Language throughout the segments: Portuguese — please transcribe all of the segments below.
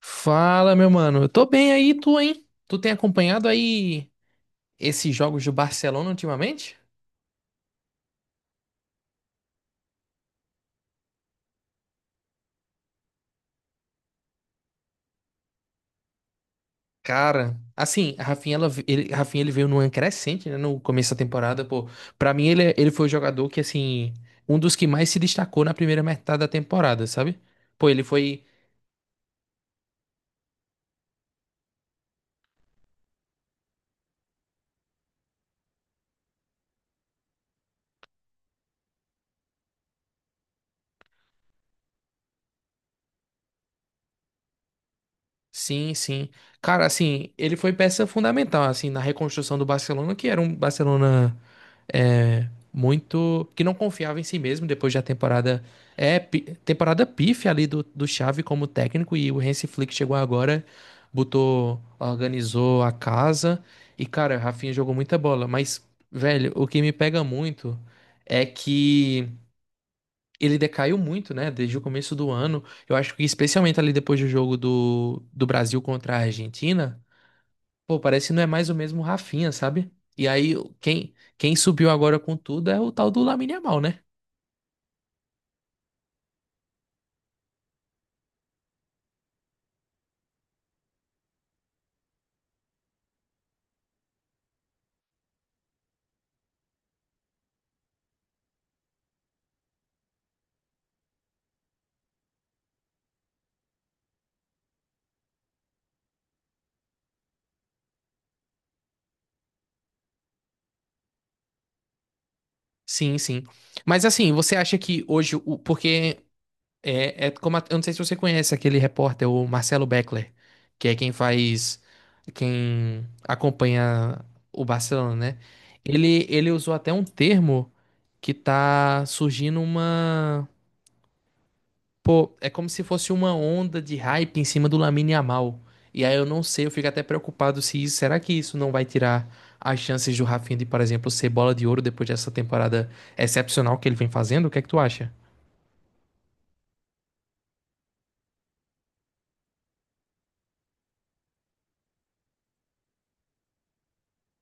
Fala, meu mano. Eu tô bem aí, tu, hein? Tu tem acompanhado aí esses jogos do Barcelona ultimamente? Cara, assim, a Rafinha, ele veio numa crescente, né, no começo da temporada, pô. Pra mim, ele foi o jogador que, assim, um dos que mais se destacou na primeira metade da temporada, sabe? Pô, ele foi... Sim, sim. Cara, assim, ele foi peça fundamental, assim, na reconstrução do Barcelona, que era um Barcelona muito que não confiava em si mesmo depois da temporada, temporada pífia ali do Xavi como técnico, e o Hansi Flick chegou agora, botou, organizou a casa e, cara, Rafinha jogou muita bola, mas, velho, o que me pega muito é que ele decaiu muito, né, desde o começo do ano. Eu acho que especialmente ali depois do jogo do Brasil contra a Argentina. Pô, parece que não é mais o mesmo Rafinha, sabe? E aí, quem subiu agora com tudo é o tal do Lamine Yamal, né? Sim, sim. Mas assim, você acha que hoje, o, porque é, é como, a- eu não sei se você conhece aquele repórter, o Marcelo Beckler, que é quem faz, quem acompanha o Barcelona, né? Ele usou até um termo que tá surgindo uma... Pô, é como se fosse uma onda de hype em cima do Lamine Yamal. E aí eu não sei, eu fico até preocupado se isso, será que isso não vai tirar as chances do Rafinha de, por exemplo, ser bola de ouro depois dessa temporada excepcional que ele vem fazendo? O que é que tu acha?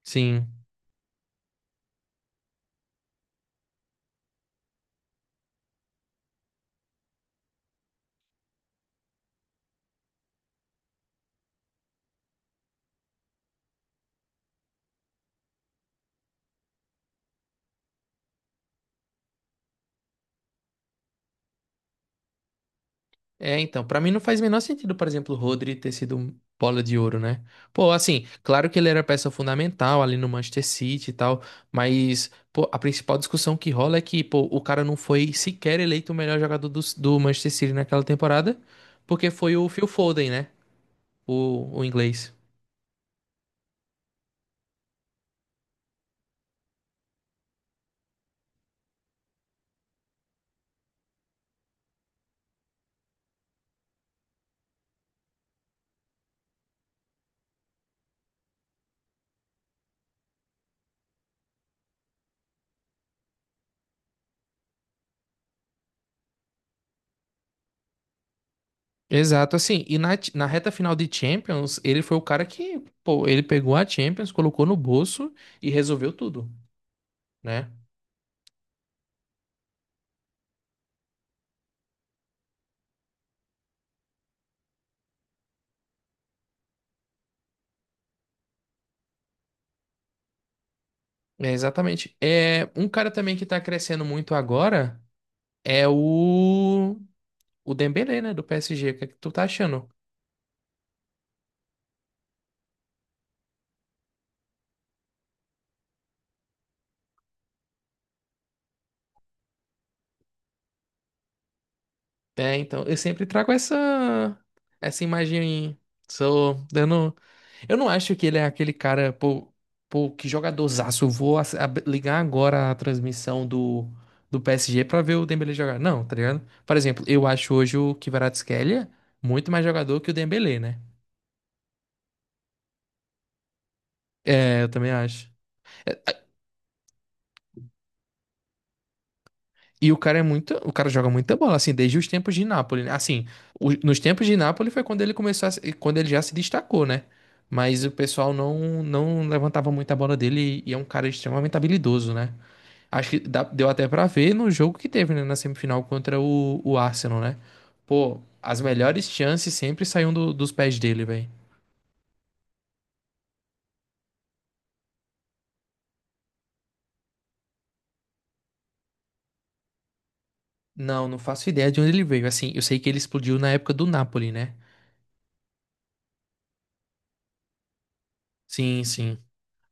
Sim. É, então, pra mim não faz o menor sentido, por exemplo, o Rodri ter sido um bola de ouro, né? Pô, assim, claro que ele era peça fundamental ali no Manchester City e tal, mas pô, a principal discussão que rola é que, pô, o cara não foi sequer eleito o melhor jogador do Manchester City naquela temporada, porque foi o Phil Foden, né? O inglês. Exato, assim, e na, na reta final de Champions, ele foi o cara que, pô, ele pegou a Champions, colocou no bolso e resolveu tudo, né? É, exatamente. É, um cara também que tá crescendo muito agora é o Dembélé, né, do PSG. O que é que tu tá achando? É, então, eu sempre trago essa essa imagem. Sou dando. Eu não acho que ele é aquele cara, pô, pô, que jogadorzaço. Eu vou ligar agora a transmissão do, do PSG pra ver o Dembélé jogar. Não, tá ligado? Por exemplo, eu acho hoje o Kvaratskhelia muito mais jogador que o Dembélé, né? É, eu também acho. E o cara é muito, o cara joga muita bola, assim, desde os tempos de Nápoles, né? Assim, nos tempos de Nápoles foi quando ele começou a se- quando ele já se destacou, né? Mas o pessoal não levantava muito a bola dele, e é um cara extremamente habilidoso, né? Acho que deu até pra ver no jogo que teve, né, na semifinal contra o Arsenal, né? Pô, as melhores chances sempre saíam dos pés dele, velho. Não, não faço ideia de onde ele veio. Assim, eu sei que ele explodiu na época do Napoli, né? Sim, sim.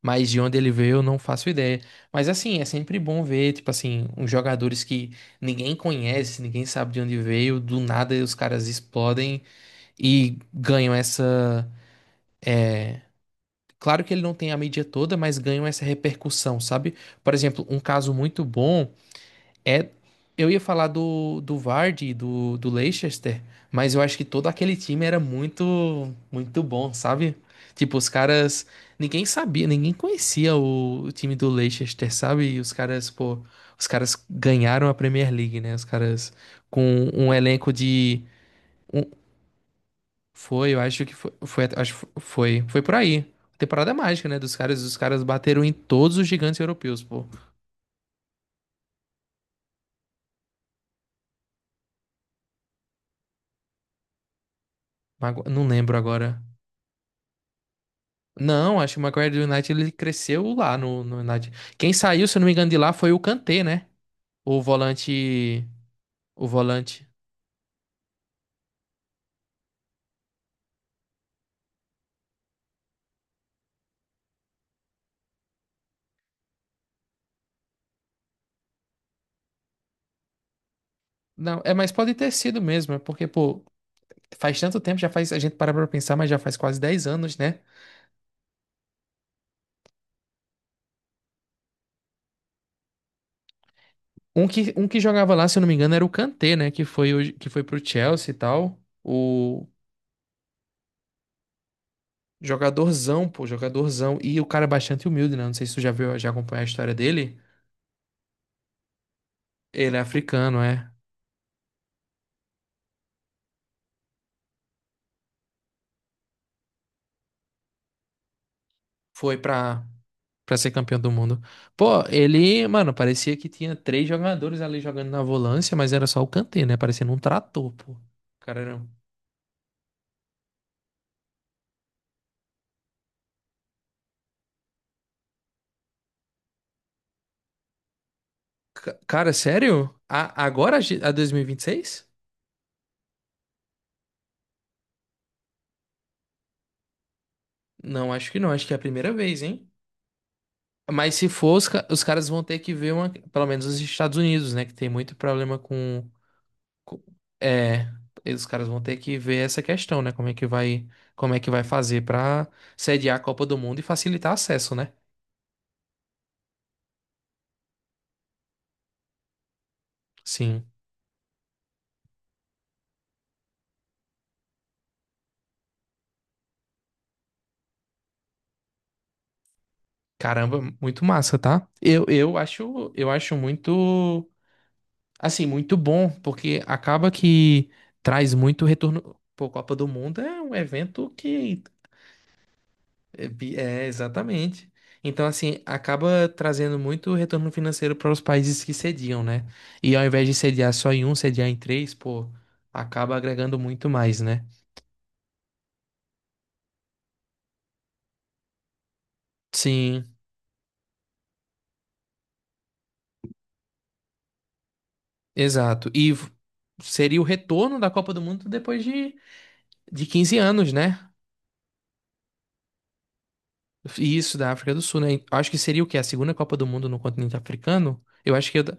Mas de onde ele veio, eu não faço ideia. Mas assim, é sempre bom ver, tipo assim, uns jogadores que ninguém conhece, ninguém sabe de onde veio, do nada os caras explodem e ganham essa... é, Claro que ele não tem a mídia toda, mas ganham essa repercussão, sabe? Por exemplo, um caso muito bom. É, eu ia falar do Vardy, e do Leicester, mas eu acho que todo aquele time era muito, muito bom, sabe? Tipo, os caras, ninguém sabia, ninguém conhecia o time do Leicester, sabe? E os caras, pô, os caras ganharam a Premier League, né? Os caras com um elenco de um- foi, eu acho que foi, foi, acho que foi, foi por aí. Temporada mágica, né? Dos caras, os caras bateram em todos os gigantes europeus, pô. Não lembro agora. Não, acho que o Maguire do United ele cresceu lá no, no United. Quem saiu, se eu não me engano, de lá foi o Kanté, né? O volante. O volante. Não, é, mas pode ter sido mesmo, é porque, pô, faz tanto tempo, já faz. A gente para pra pensar, mas já faz quase 10 anos, né? Um que jogava lá, se eu não me engano, era o Kanté, né? Que foi, que foi pro Chelsea e tal. O jogadorzão, pô, jogadorzão. E o cara é bastante humilde, né? Não sei se tu já viu, já acompanhou a história dele. Ele é africano, é. Foi pra. Pra ser campeão do mundo. Pô, ele, mano, parecia que tinha três jogadores ali jogando na volância, mas era só o Kanté, né? Parecendo um trator, pô. O... Cara, era... Cara, sério? Agora a 2026? Não, acho que não. Acho que é a primeira vez, hein? Mas se for, os caras vão ter que ver uma, pelo menos os Estados Unidos, né? Que tem muito problema com, com- é, os caras vão ter que ver essa questão, né? Como é que vai, como é que vai fazer pra sediar a Copa do Mundo e facilitar acesso, né? Sim. Caramba, muito massa, tá? Eu acho muito, assim, muito bom, porque acaba que traz muito retorno. Pô, Copa do Mundo é um evento que é... exatamente. Então, assim, acaba trazendo muito retorno financeiro para os países que sediam, né? E ao invés de sediar só em um, sediar em três, pô, acaba agregando muito mais, né? Sim, exato. Seria o retorno da Copa do Mundo depois de 15 anos, né? Isso, da África do Sul, né? Acho que seria o quê? A segunda Copa do Mundo no continente africano? Eu acho que o da-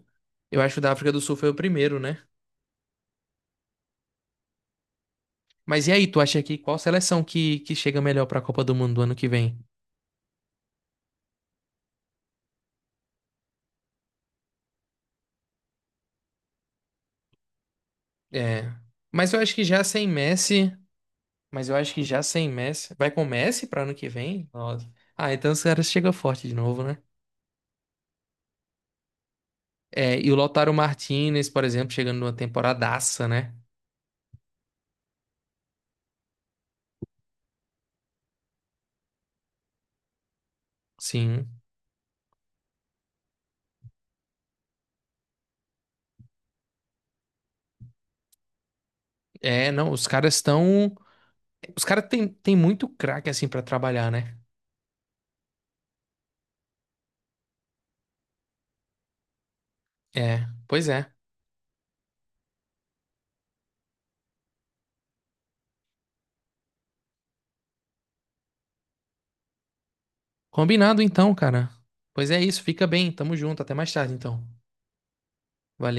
eu, acho que o da África do Sul foi o primeiro, né? Mas e aí, tu acha que qual seleção que chega melhor pra Copa do Mundo do ano que vem? É. Mas eu acho que já sem Messi, vai com Messi pra ano que vem? Nossa. Ah, então os caras chegam forte de novo, né? É, e o Lautaro Martinez, por exemplo, chegando numa temporadaça, né? Sim. É, não, os caras estão, os caras têm tem muito craque assim pra trabalhar, né? É, pois é. Combinado então, cara. Pois é isso, fica bem. Tamo junto, até mais tarde então. Valeu.